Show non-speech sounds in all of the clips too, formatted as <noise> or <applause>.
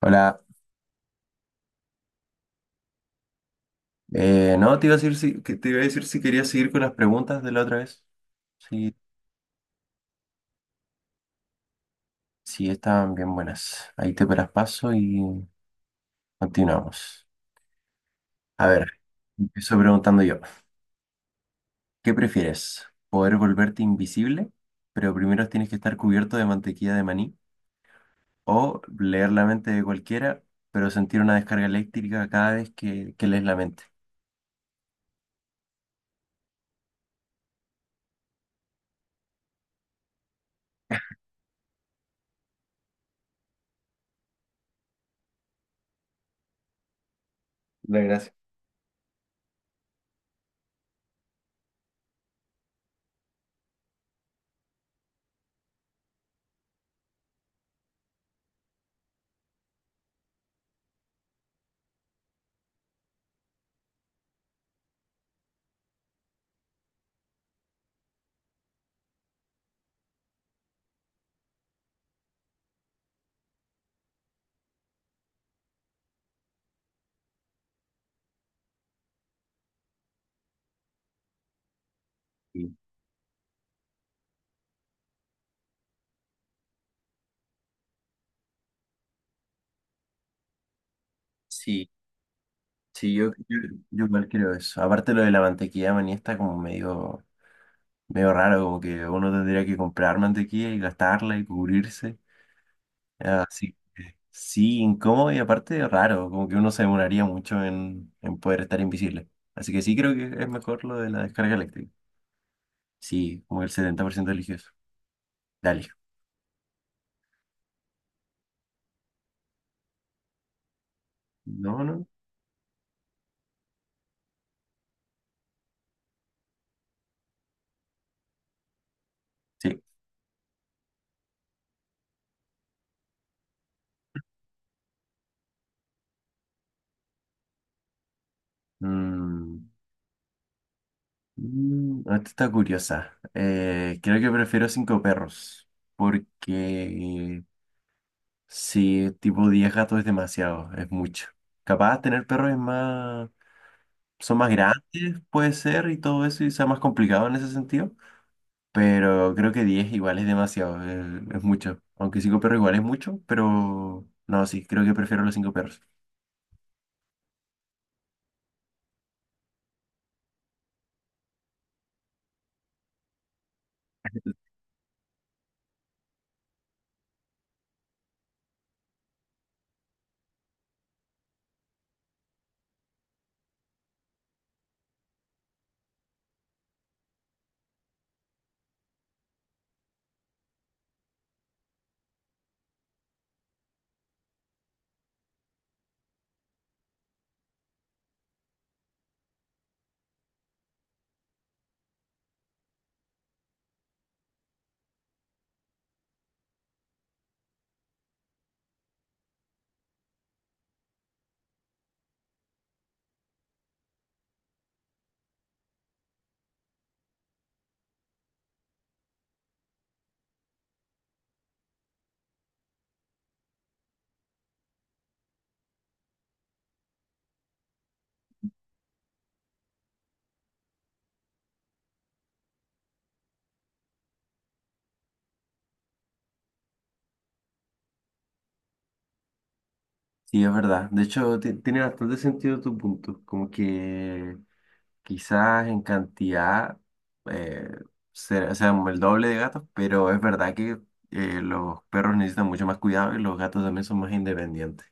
Hola, no, te iba a decir si, que te iba a decir si querías seguir con las preguntas de la otra vez. Sí, sí, estaban bien buenas. Ahí te paras paso y continuamos. A ver, empiezo preguntando yo. ¿Qué prefieres? ¿Poder volverte invisible, pero primero tienes que estar cubierto de mantequilla de maní? ¿O leer la mente de cualquiera, pero sentir una descarga eléctrica cada vez que lees la mente? La gracia. Sí, sí, yo igual creo eso. Aparte lo de la mantequilla de maní está como medio raro, como que uno tendría que comprar mantequilla y gastarla y cubrirse. Así, sí, sí, incómodo y aparte raro, como que uno se demoraría mucho en poder estar invisible. Así que sí creo que es mejor lo de la descarga eléctrica. Sí, como el 70% religioso. Dale. No, no. Sí. Mm, ah, esta está curiosa. Creo que prefiero cinco perros porque... Sí, tipo 10 gatos es demasiado, es mucho. Capaz tener perros es más, son más grandes, puede ser, y todo eso, y sea más complicado en ese sentido. Pero creo que 10 igual es demasiado, es mucho. Aunque 5 perros igual es mucho, pero no, sí, creo que prefiero los 5 perros. Sí, es verdad. De hecho, tiene bastante sentido tu punto. Como que quizás en cantidad eh, sean el doble de gatos, pero es verdad que los perros necesitan mucho más cuidado y los gatos también son más independientes.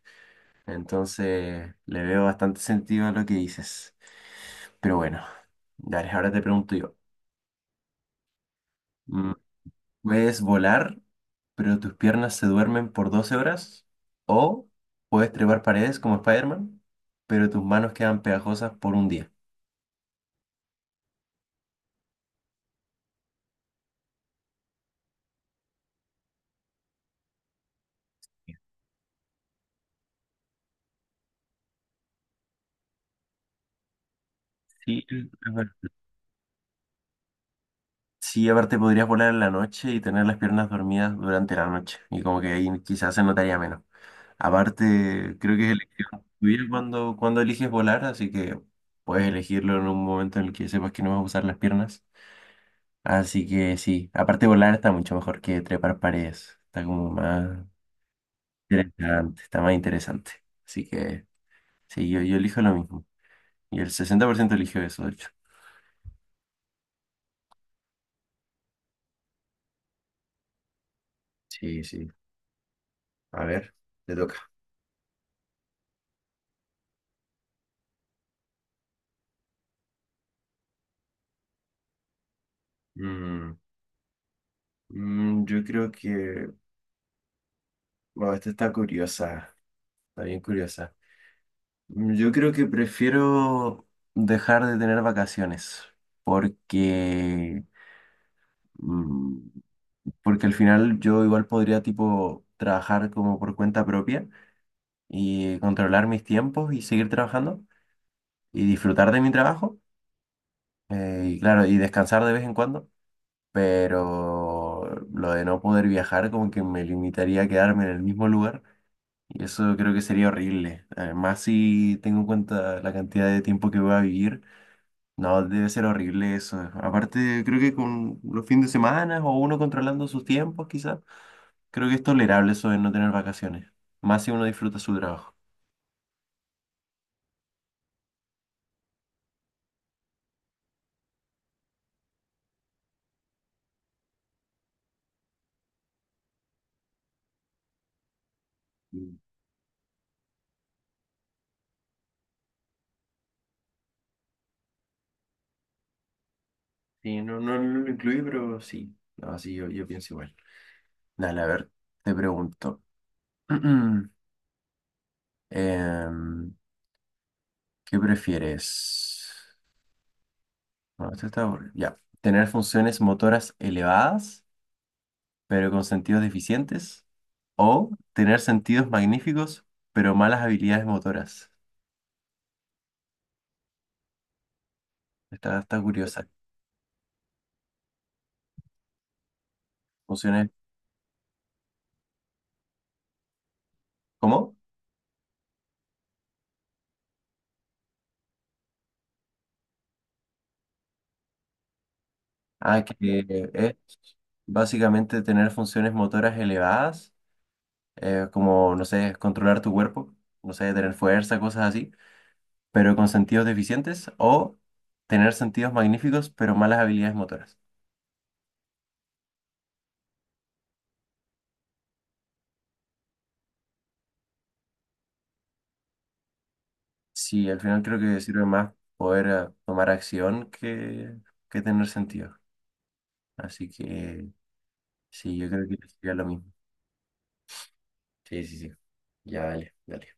Entonces le veo bastante sentido a lo que dices. Pero bueno, dale, ahora te pregunto yo. Mm, ¿Puedes volar, pero tus piernas se duermen por 12 horas? ¿O puedes trepar paredes como Spider-Man, pero tus manos quedan pegajosas por un día? Sí, es Sí, aparte podrías volar en la noche y tener las piernas dormidas durante la noche. Y como que ahí quizás se notaría menos. Aparte, creo que es elección tuya cuando eliges volar, así que puedes elegirlo en un momento en el que sepas que no vas a usar las piernas. Así que sí, aparte volar está mucho mejor que trepar paredes. Está como más interesante, está más interesante. Así que sí, yo elijo lo mismo. Y el 60% eligió eso, de hecho. Sí, sí. A ver, te toca. Mm, yo creo que bueno, esta está curiosa, está bien curiosa. Mm, yo creo que prefiero dejar de tener vacaciones porque, mm, porque al final yo igual podría tipo trabajar como por cuenta propia y controlar mis tiempos y seguir trabajando y disfrutar de mi trabajo y claro, y descansar de vez en cuando, pero lo de no poder viajar como que me limitaría a quedarme en el mismo lugar. Y eso creo que sería horrible. Además, si tengo en cuenta la cantidad de tiempo que voy a vivir, no, debe ser horrible eso. Aparte, creo que con los fines de semana o uno controlando sus tiempos, quizás, creo que es tolerable eso de no tener vacaciones. Más si uno disfruta su trabajo. Mm. Sí, no, no, no lo incluí, pero sí. No, sí, yo pienso igual. Dale, a ver, te pregunto. <clears throat> Em, ¿qué prefieres? No, esto está aburrido. Ya. ¿Tener funciones motoras elevadas, pero con sentidos deficientes, o tener sentidos magníficos, pero malas habilidades motoras? Está, está curiosa. Funciones, ¿cómo? Ah, que es básicamente tener funciones motoras elevadas, como, no sé, controlar tu cuerpo, no sé, tener fuerza, cosas así, pero con sentidos deficientes, o tener sentidos magníficos, pero malas habilidades motoras. Sí, al final creo que sirve más poder tomar acción que tener sentido. Así que... Sí, yo creo que sería lo mismo. Sí, sí, sí. Ya, dale, dale.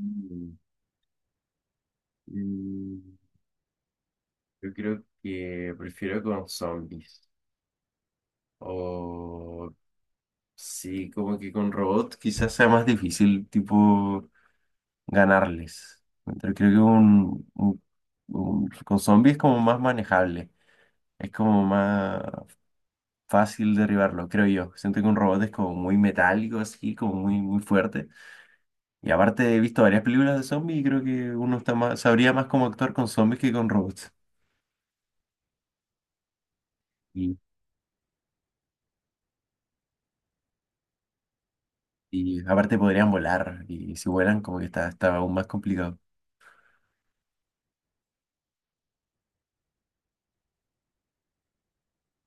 Mm, Mm, Yo creo que prefiero con zombies. O sí, como que con robots quizás sea más difícil, tipo, ganarles. Pero creo que con zombies es como más manejable. Es como más fácil derribarlo, creo yo. Siento que un robot es como muy metálico, así, como muy fuerte. Y aparte he visto varias películas de zombies y creo que uno está más, sabría más cómo actuar con zombies que con robots. Y, y aparte podrían volar y si vuelan como que está, está aún más complicado.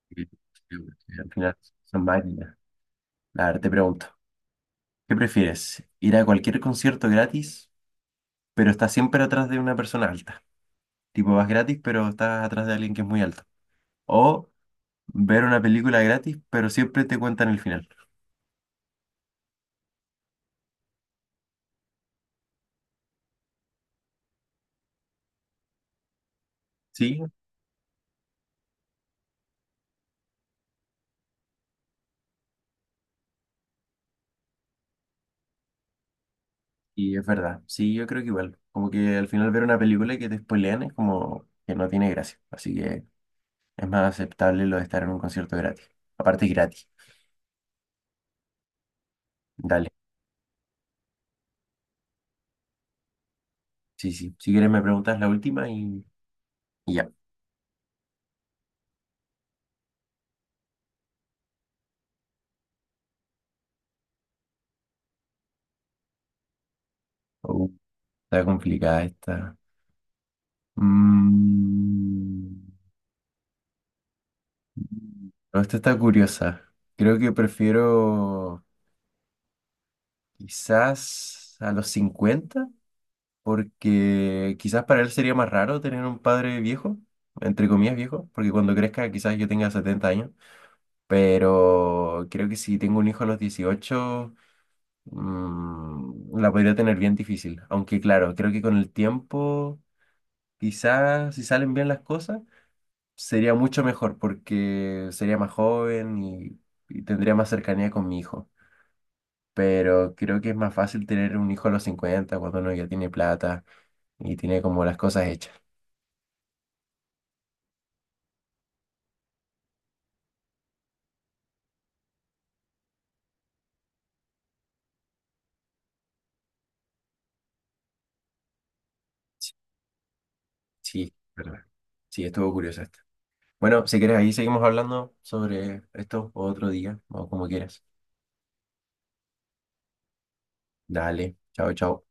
Y- y al final son máquinas. A ver, te pregunto, ¿qué prefieres? ¿Ir a cualquier concierto gratis, pero estás siempre atrás de una persona alta? Tipo, vas gratis, pero estás atrás de alguien que es muy alto. ¿O ver una película gratis, pero siempre te cuentan el final? ¿Sí? Y es verdad, sí, yo creo que igual, como que al final ver una película y que te spoilean es como que no tiene gracia, así que es más aceptable lo de estar en un concierto gratis, aparte gratis, dale, sí, sí, si quieres me preguntas la última y ya. Uh, está complicada esta. Mm. No, esta está curiosa, creo que prefiero quizás a los 50 porque quizás para él sería más raro tener un padre viejo, entre comillas viejo, porque cuando crezca quizás yo tenga 70 años, pero creo que si tengo un hijo a los 18 mm, la podría tener bien difícil, aunque claro, creo que con el tiempo, quizás si salen bien las cosas, sería mucho mejor porque sería más joven y tendría más cercanía con mi hijo. Pero creo que es más fácil tener un hijo a los 50 cuando uno ya tiene plata y tiene como las cosas hechas. Sí, verdad. Sí, estuvo curiosa esta. Bueno, si quieres, ahí seguimos hablando sobre esto otro día o como quieras. Dale, chao, chao.